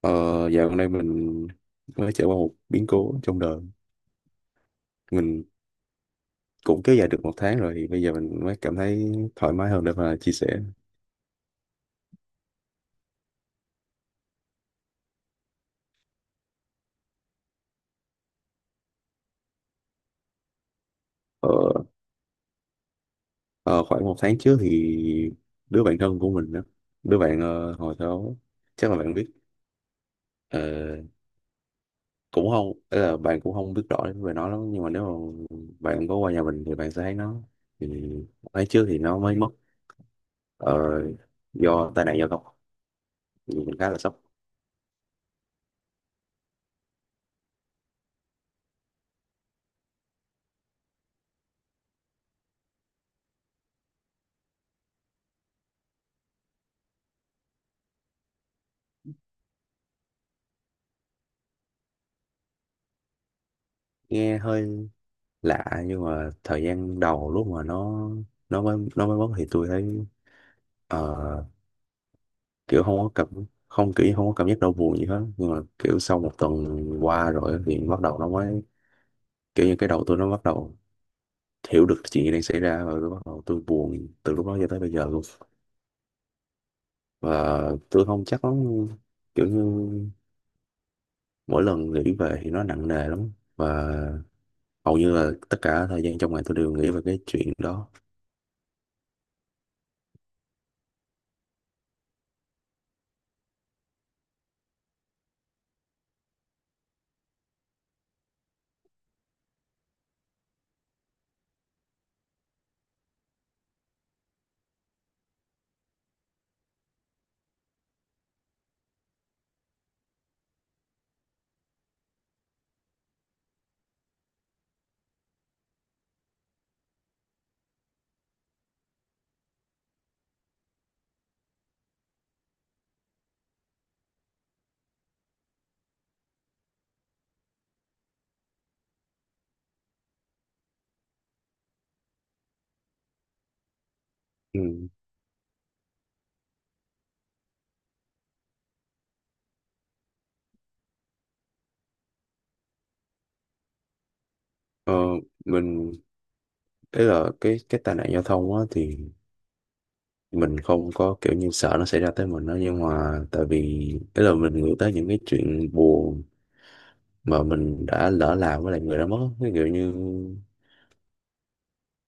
Ờ, Dạo gần đây mình mới trải qua một biến cố trong đời. Mình cũng kéo dài được một tháng rồi thì bây giờ mình mới cảm thấy thoải mái hơn để mà chia sẻ. ờ, ờ, Khoảng một tháng trước thì đứa bạn thân của mình đó, đứa bạn, hồi đó chắc là bạn biết, ờ, cũng không ý là bạn cũng không biết rõ về nó lắm, nhưng mà nếu mà bạn có qua nhà mình thì bạn sẽ thấy nó. Thì một tháng trước thì nó mới mất, ờ, do tai nạn giao thông, thì mình khá là sốc. Nghe hơi lạ nhưng mà thời gian đầu lúc mà nó mới mất thì tôi thấy, ờ, kiểu không có cảm kiểu như không có cảm giác đau buồn gì hết, nhưng mà kiểu sau một tuần qua rồi thì bắt đầu nó mới kiểu như cái đầu tôi nó bắt đầu hiểu được chuyện gì đang xảy ra, và tôi bắt đầu tôi buồn từ lúc đó cho tới bây giờ luôn. Và tôi không chắc lắm, kiểu như mỗi lần nghĩ về thì nó nặng nề lắm, và hầu như là tất cả thời gian trong ngày tôi đều nghĩ về cái chuyện đó. Ừ. Ờ, mình Thế là cái tai nạn giao thông á, thì mình không có kiểu như sợ nó xảy ra tới mình đó, nhưng mà tại vì ấy là mình nghĩ tới những cái chuyện buồn mà mình đã lỡ làm với lại người đã mất á. Cái kiểu như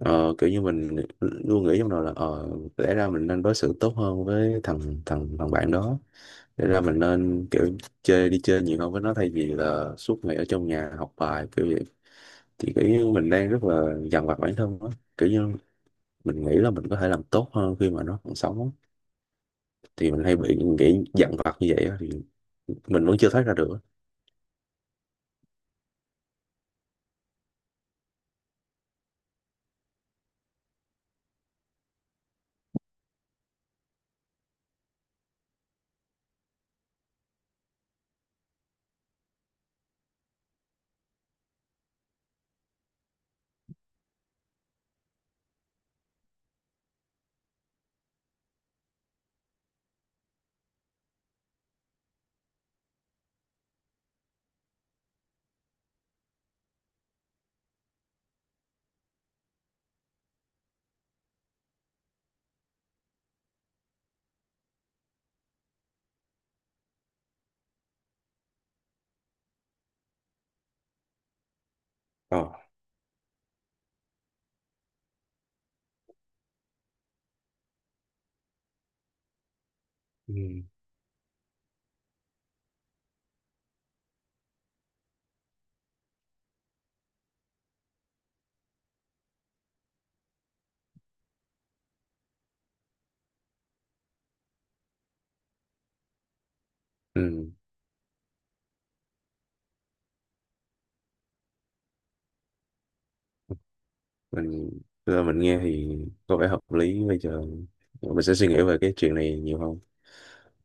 ờ, Kiểu như mình luôn nghĩ trong đầu là, lẽ ra mình nên đối xử tốt hơn với thằng thằng thằng bạn đó, lẽ ra mình nên kiểu chơi đi chơi nhiều hơn với nó thay vì là suốt ngày ở trong nhà học bài kiểu vậy. Thì kiểu như mình đang rất là dằn vặt bản thân á, kiểu như mình nghĩ là mình có thể làm tốt hơn khi mà nó còn sống á. Thì mình hay bị nghĩ dằn vặt như vậy á, thì mình vẫn chưa thoát ra được á. ờ ừ. Ừ. mình Giờ mình nghe thì có vẻ hợp lý. Bây giờ mình sẽ suy nghĩ về cái chuyện này nhiều hơn.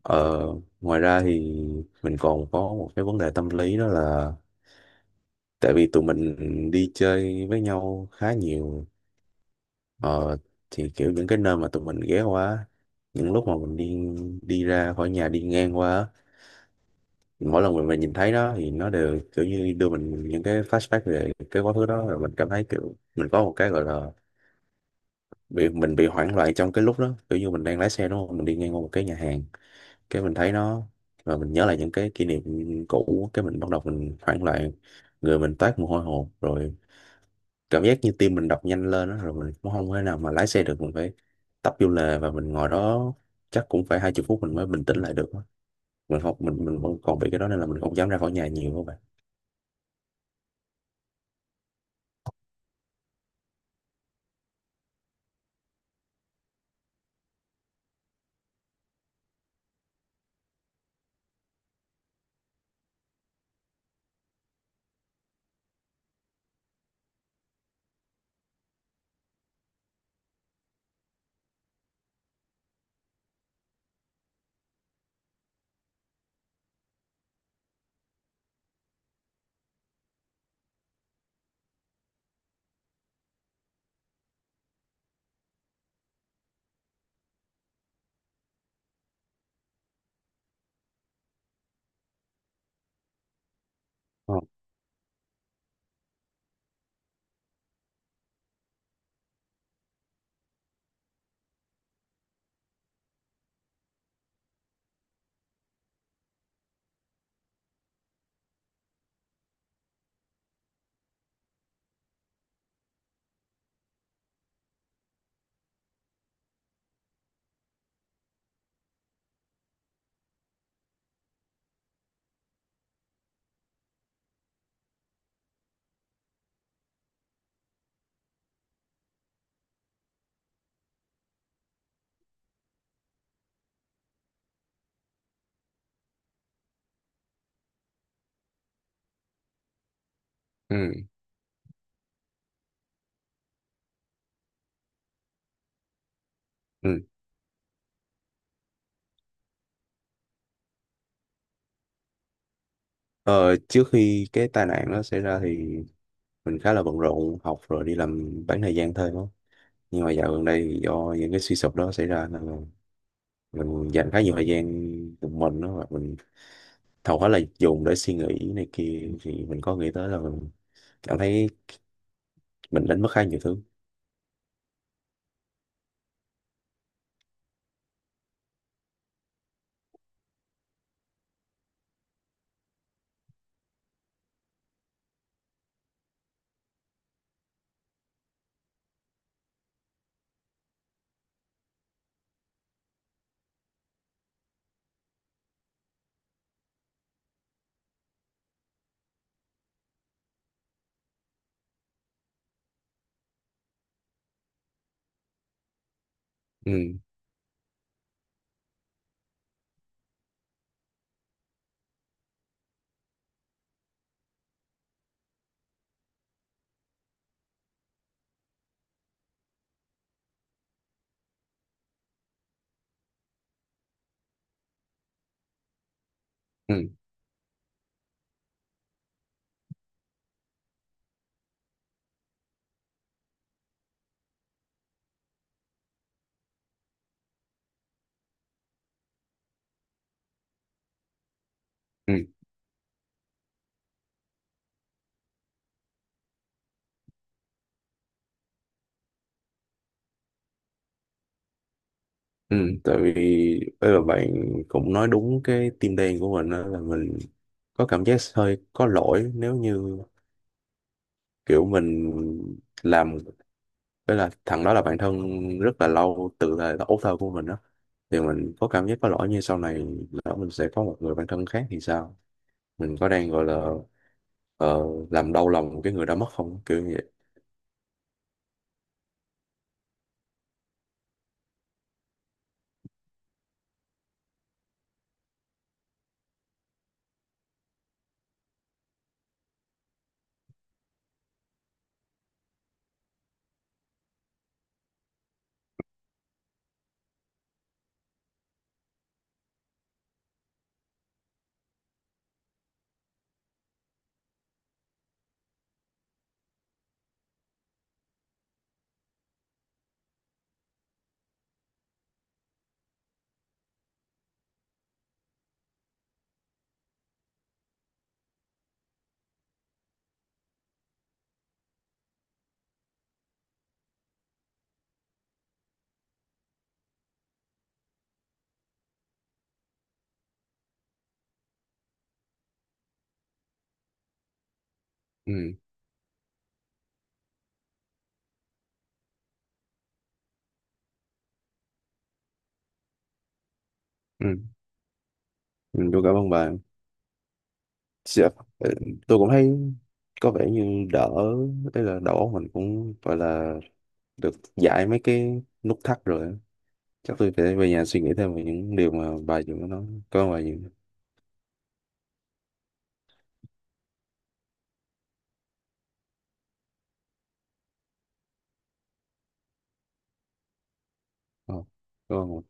ờ, Ngoài ra thì mình còn có một cái vấn đề tâm lý đó là tại vì tụi mình đi chơi với nhau khá nhiều, ờ, thì kiểu những cái nơi mà tụi mình ghé qua, những lúc mà mình đi đi ra khỏi nhà đi ngang qua á, mỗi lần mình nhìn thấy đó thì nó đều kiểu như đưa mình những cái flashback về cái quá khứ đó, rồi mình cảm thấy kiểu mình có một cái gọi là bị, mình bị hoảng loạn trong cái lúc đó. Kiểu như mình đang lái xe đúng không, mình đi ngang qua một cái nhà hàng, cái mình thấy nó và mình nhớ lại những cái kỷ niệm cũ, cái mình bắt đầu mình hoảng loạn, người mình toát mồ hôi hột, rồi cảm giác như tim mình đập nhanh lên đó, rồi mình cũng không thể nào mà lái xe được, mình phải tấp vô lề và mình ngồi đó chắc cũng phải hai chục phút mình mới bình tĩnh lại được á. Mình không mình mình vẫn còn bị cái đó nên là mình không dám ra khỏi nhà nhiều, các bạn. Ừ, ừ. Ờ, Trước khi cái tai nạn nó xảy ra thì mình khá là bận rộn, học rồi đi làm bán thời gian thôi đó. Nhưng mà dạo gần đây thì do những cái suy sụp đó xảy ra nên là mình dành khá nhiều thời gian một mình đó, và mình hầu hết là dùng để suy nghĩ này kia, thì mình có nghĩ tới là mình cảm thấy mình đánh mất khá nhiều thứ. Ừ, ừ, ừ, ừ. Tại vì bây giờ bạn cũng nói đúng cái tim đen của mình, đó là mình có cảm giác hơi có lỗi nếu như kiểu mình làm với là, thằng đó là bạn thân rất là lâu từ thời là ấu thơ của mình đó. Thì mình có cảm giác có lỗi như sau này lỡ mình sẽ có một người bạn thân khác thì sao? Mình có đang gọi là, ờ, làm đau lòng cái người đã mất không? Kiểu như vậy. Ừ, ừ, ừ, tôi cảm ơn bạn. Dạ, ừ. Tôi cũng thấy có vẻ như đỡ, đấy là đầu óc mình cũng gọi là được giải mấy cái nút thắt rồi á. Chắc tôi phải về nhà suy nghĩ thêm về những điều mà bà vừa mới nói. Cảm ơn bà nhiều. Ờ, Cảm ơn.